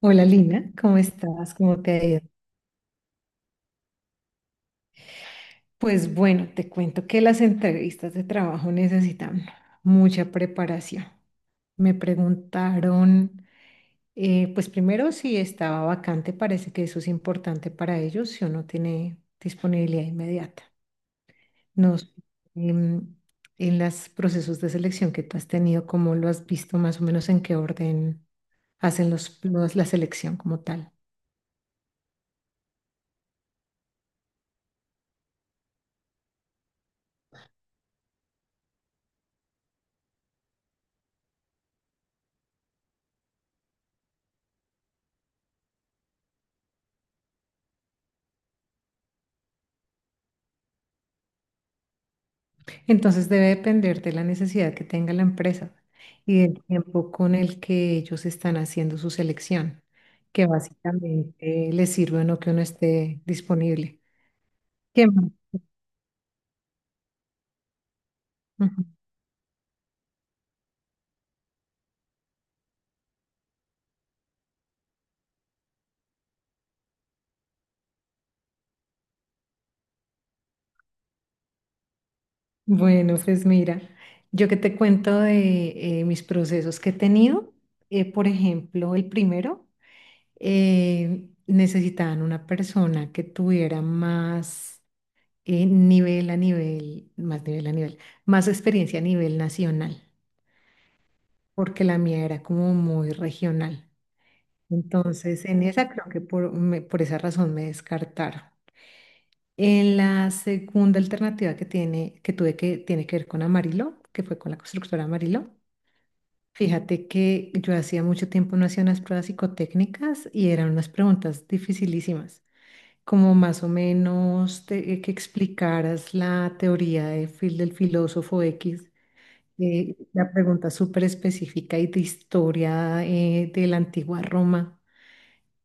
Hola Lina, ¿cómo estás? ¿Cómo te ha ido? Pues bueno, te cuento que las entrevistas de trabajo necesitan mucha preparación. Me preguntaron, pues primero si estaba vacante, parece que eso es importante para ellos, si uno tiene disponibilidad inmediata. No sé, em, en los procesos de selección que tú has tenido, ¿cómo lo has visto más o menos en qué orden hacen la selección como tal? Entonces debe depender de la necesidad que tenga la empresa y del tiempo con el que ellos están haciendo su selección, que básicamente les sirve o no que uno esté disponible. ¿Qué más? Ujú. Bueno, pues mira, yo que te cuento de mis procesos que he tenido, por ejemplo, el primero, necesitaban una persona que tuviera más más nivel a nivel, más experiencia a nivel nacional, porque la mía era como muy regional. Entonces, en esa creo que por esa razón me descartaron. En la segunda alternativa que tuve, que tiene que ver con Amarillo, que fue con la constructora Amarillo. Fíjate que yo hacía mucho tiempo no hacía unas pruebas psicotécnicas y eran unas preguntas dificilísimas, como más o menos que explicaras la teoría del filósofo X, la pregunta súper específica y de historia, de la antigua Roma.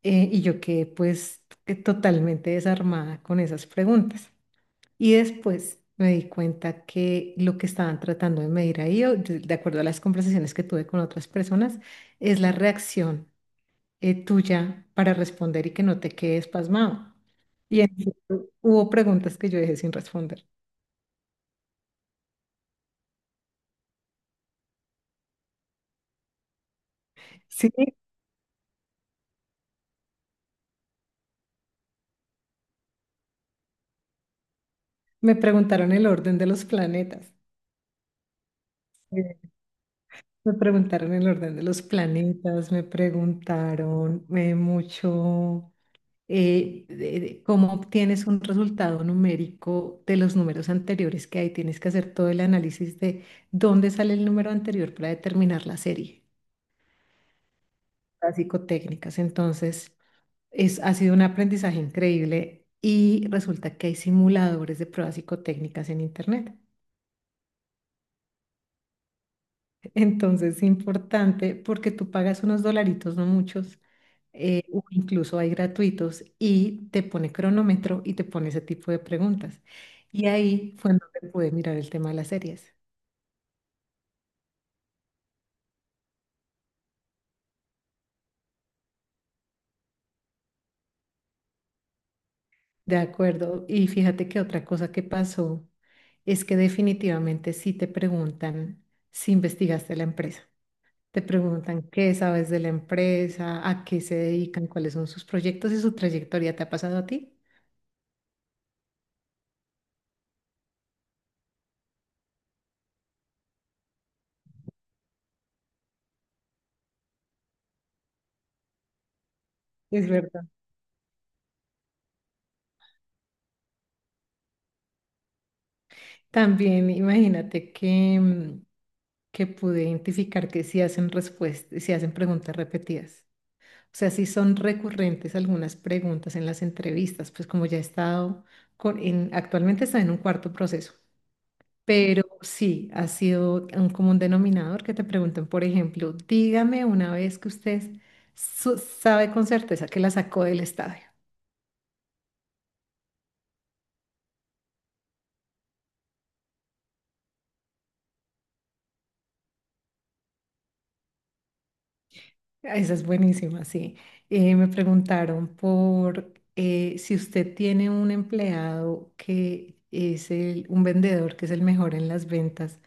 Y yo quedé pues que totalmente desarmada con esas preguntas. Y después me di cuenta que lo que estaban tratando de medir ahí, de acuerdo a las conversaciones que tuve con otras personas, es la reacción tuya para responder y que no te quedes pasmado. Y en efecto, hubo preguntas que yo dejé sin responder. Sí, me preguntaron el orden de los planetas. Sí. Me preguntaron el orden de los planetas, me preguntaron mucho, de cómo obtienes un resultado numérico de los números anteriores que hay. Tienes que hacer todo el análisis de dónde sale el número anterior para determinar la serie, las psicotécnicas. Entonces, ha sido un aprendizaje increíble y resulta que hay simuladores de pruebas psicotécnicas en Internet. Entonces es importante porque tú pagas unos dolaritos, no muchos, o incluso hay gratuitos, y te pone cronómetro y te pone ese tipo de preguntas. Y ahí fue en donde pude mirar el tema de las series. De acuerdo. Y fíjate que otra cosa que pasó es que definitivamente sí te preguntan si investigaste la empresa. Te preguntan qué sabes de la empresa, a qué se dedican, cuáles son sus proyectos y su trayectoria. ¿Te ha pasado a ti? Es verdad. También imagínate que, que pude identificar que si hacen preguntas repetidas. O sea, si son recurrentes algunas preguntas en las entrevistas, pues como ya he estado actualmente está en un cuarto proceso, pero sí ha sido un común denominador que te pregunten, por ejemplo, dígame una vez que usted sabe con certeza que la sacó del estadio. Ah, esa es buenísima, sí. Me preguntaron por si usted tiene un empleado un vendedor que es el mejor en las ventas,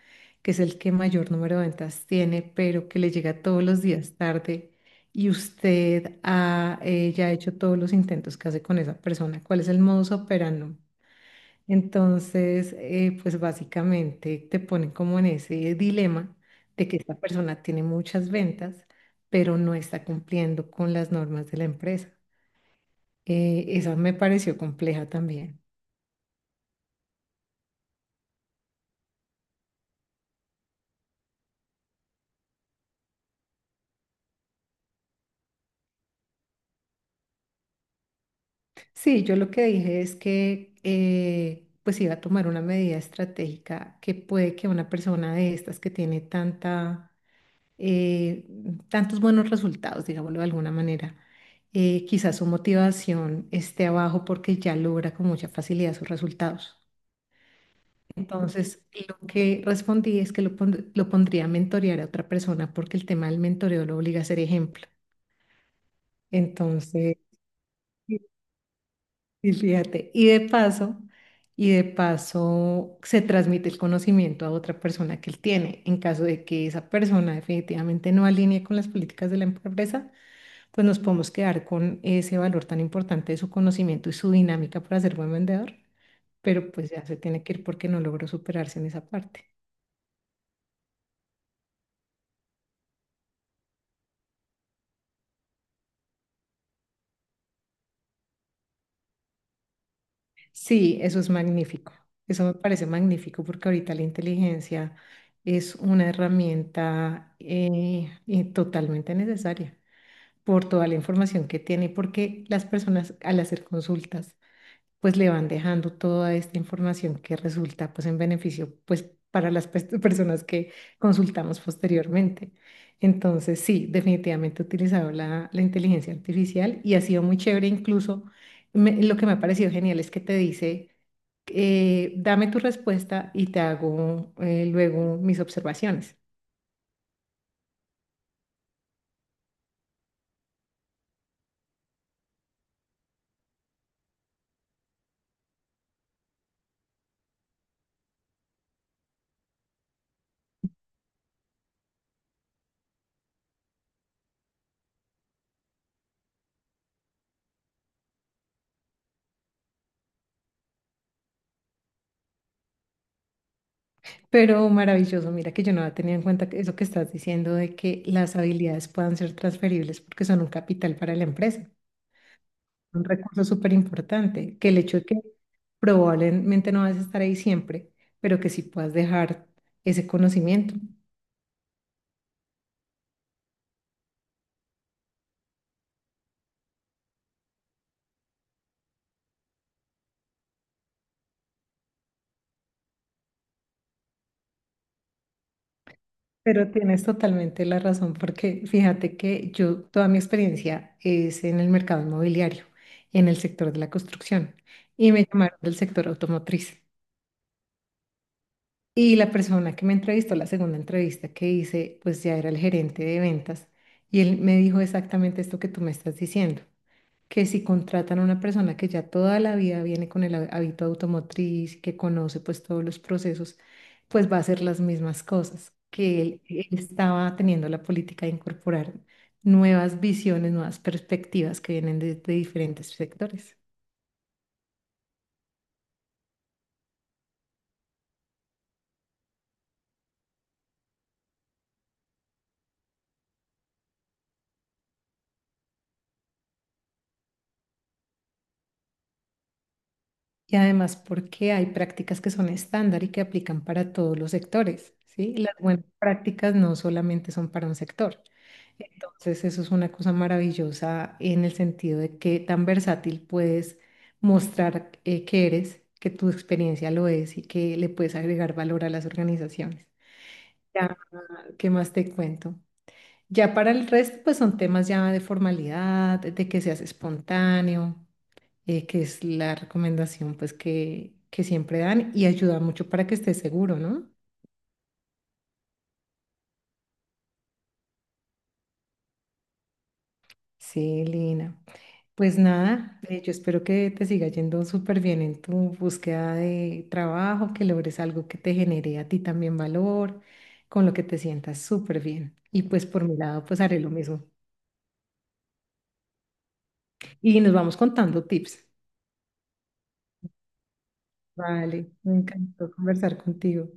que es el que mayor número de ventas tiene, pero que le llega todos los días tarde y usted ha ya hecho todos los intentos que hace con esa persona. ¿Cuál es el modus operandi? Entonces, pues básicamente te ponen como en ese dilema de que esta persona tiene muchas ventas, pero no está cumpliendo con las normas de la empresa. Esa me pareció compleja también. Sí, yo lo que dije es que pues iba a tomar una medida estratégica, que puede que una persona de estas que tiene tanta eh, tantos buenos resultados, digámoslo de alguna manera. Quizás su motivación esté abajo porque ya logra con mucha facilidad sus resultados. Entonces, lo que respondí es que lo pondría a mentorear a otra persona porque el tema del mentoreo lo obliga a ser ejemplo. Entonces, sí, y fíjate, y de paso se transmite el conocimiento a otra persona que él tiene. En caso de que esa persona definitivamente no alinee con las políticas de la empresa, pues nos podemos quedar con ese valor tan importante de su conocimiento y su dinámica para ser buen vendedor, pero pues ya se tiene que ir porque no logró superarse en esa parte. Sí, eso es magnífico. Eso me parece magnífico porque ahorita la inteligencia es una herramienta totalmente necesaria por toda la información que tiene, porque las personas al hacer consultas pues le van dejando toda esta información que resulta pues en beneficio, pues para las personas que consultamos posteriormente. Entonces, sí, definitivamente he utilizado la inteligencia artificial y ha sido muy chévere incluso. Lo que me ha parecido genial es que te dice, dame tu respuesta y te hago, luego mis observaciones. Pero maravilloso, mira que yo no había tenido en cuenta que eso que estás diciendo de que las habilidades puedan ser transferibles porque son un capital para la empresa, un recurso súper importante, que el hecho de que probablemente no vas a estar ahí siempre, pero que sí puedas dejar ese conocimiento. Pero tienes totalmente la razón, porque fíjate que yo, toda mi experiencia es en el mercado inmobiliario, en el sector de la construcción, y me llamaron del sector automotriz. Y la persona que me entrevistó, la segunda entrevista que hice, pues ya era el gerente de ventas, y él me dijo exactamente esto que tú me estás diciendo, que si contratan a una persona que ya toda la vida viene con el hábito automotriz, que conoce pues todos los procesos, pues va a hacer las mismas cosas, que él estaba teniendo la política de incorporar nuevas visiones, nuevas perspectivas que vienen de diferentes sectores. Y además porque hay prácticas que son estándar y que aplican para todos los sectores, ¿sí? Las buenas prácticas no solamente son para un sector. Entonces, eso es una cosa maravillosa en el sentido de que tan versátil puedes mostrar, que eres, que tu experiencia lo es y que le puedes agregar valor a las organizaciones. Ya, ¿qué más te cuento? Ya para el resto, pues son temas ya de formalidad, de que seas espontáneo, que es la recomendación pues que siempre dan y ayuda mucho para que estés seguro, ¿no? Sí, Lina. Pues nada, yo espero que te siga yendo súper bien en tu búsqueda de trabajo, que logres algo que te genere a ti también valor, con lo que te sientas súper bien. Y pues por mi lado, pues haré lo mismo. Y nos vamos contando tips. Vale, me encantó conversar contigo.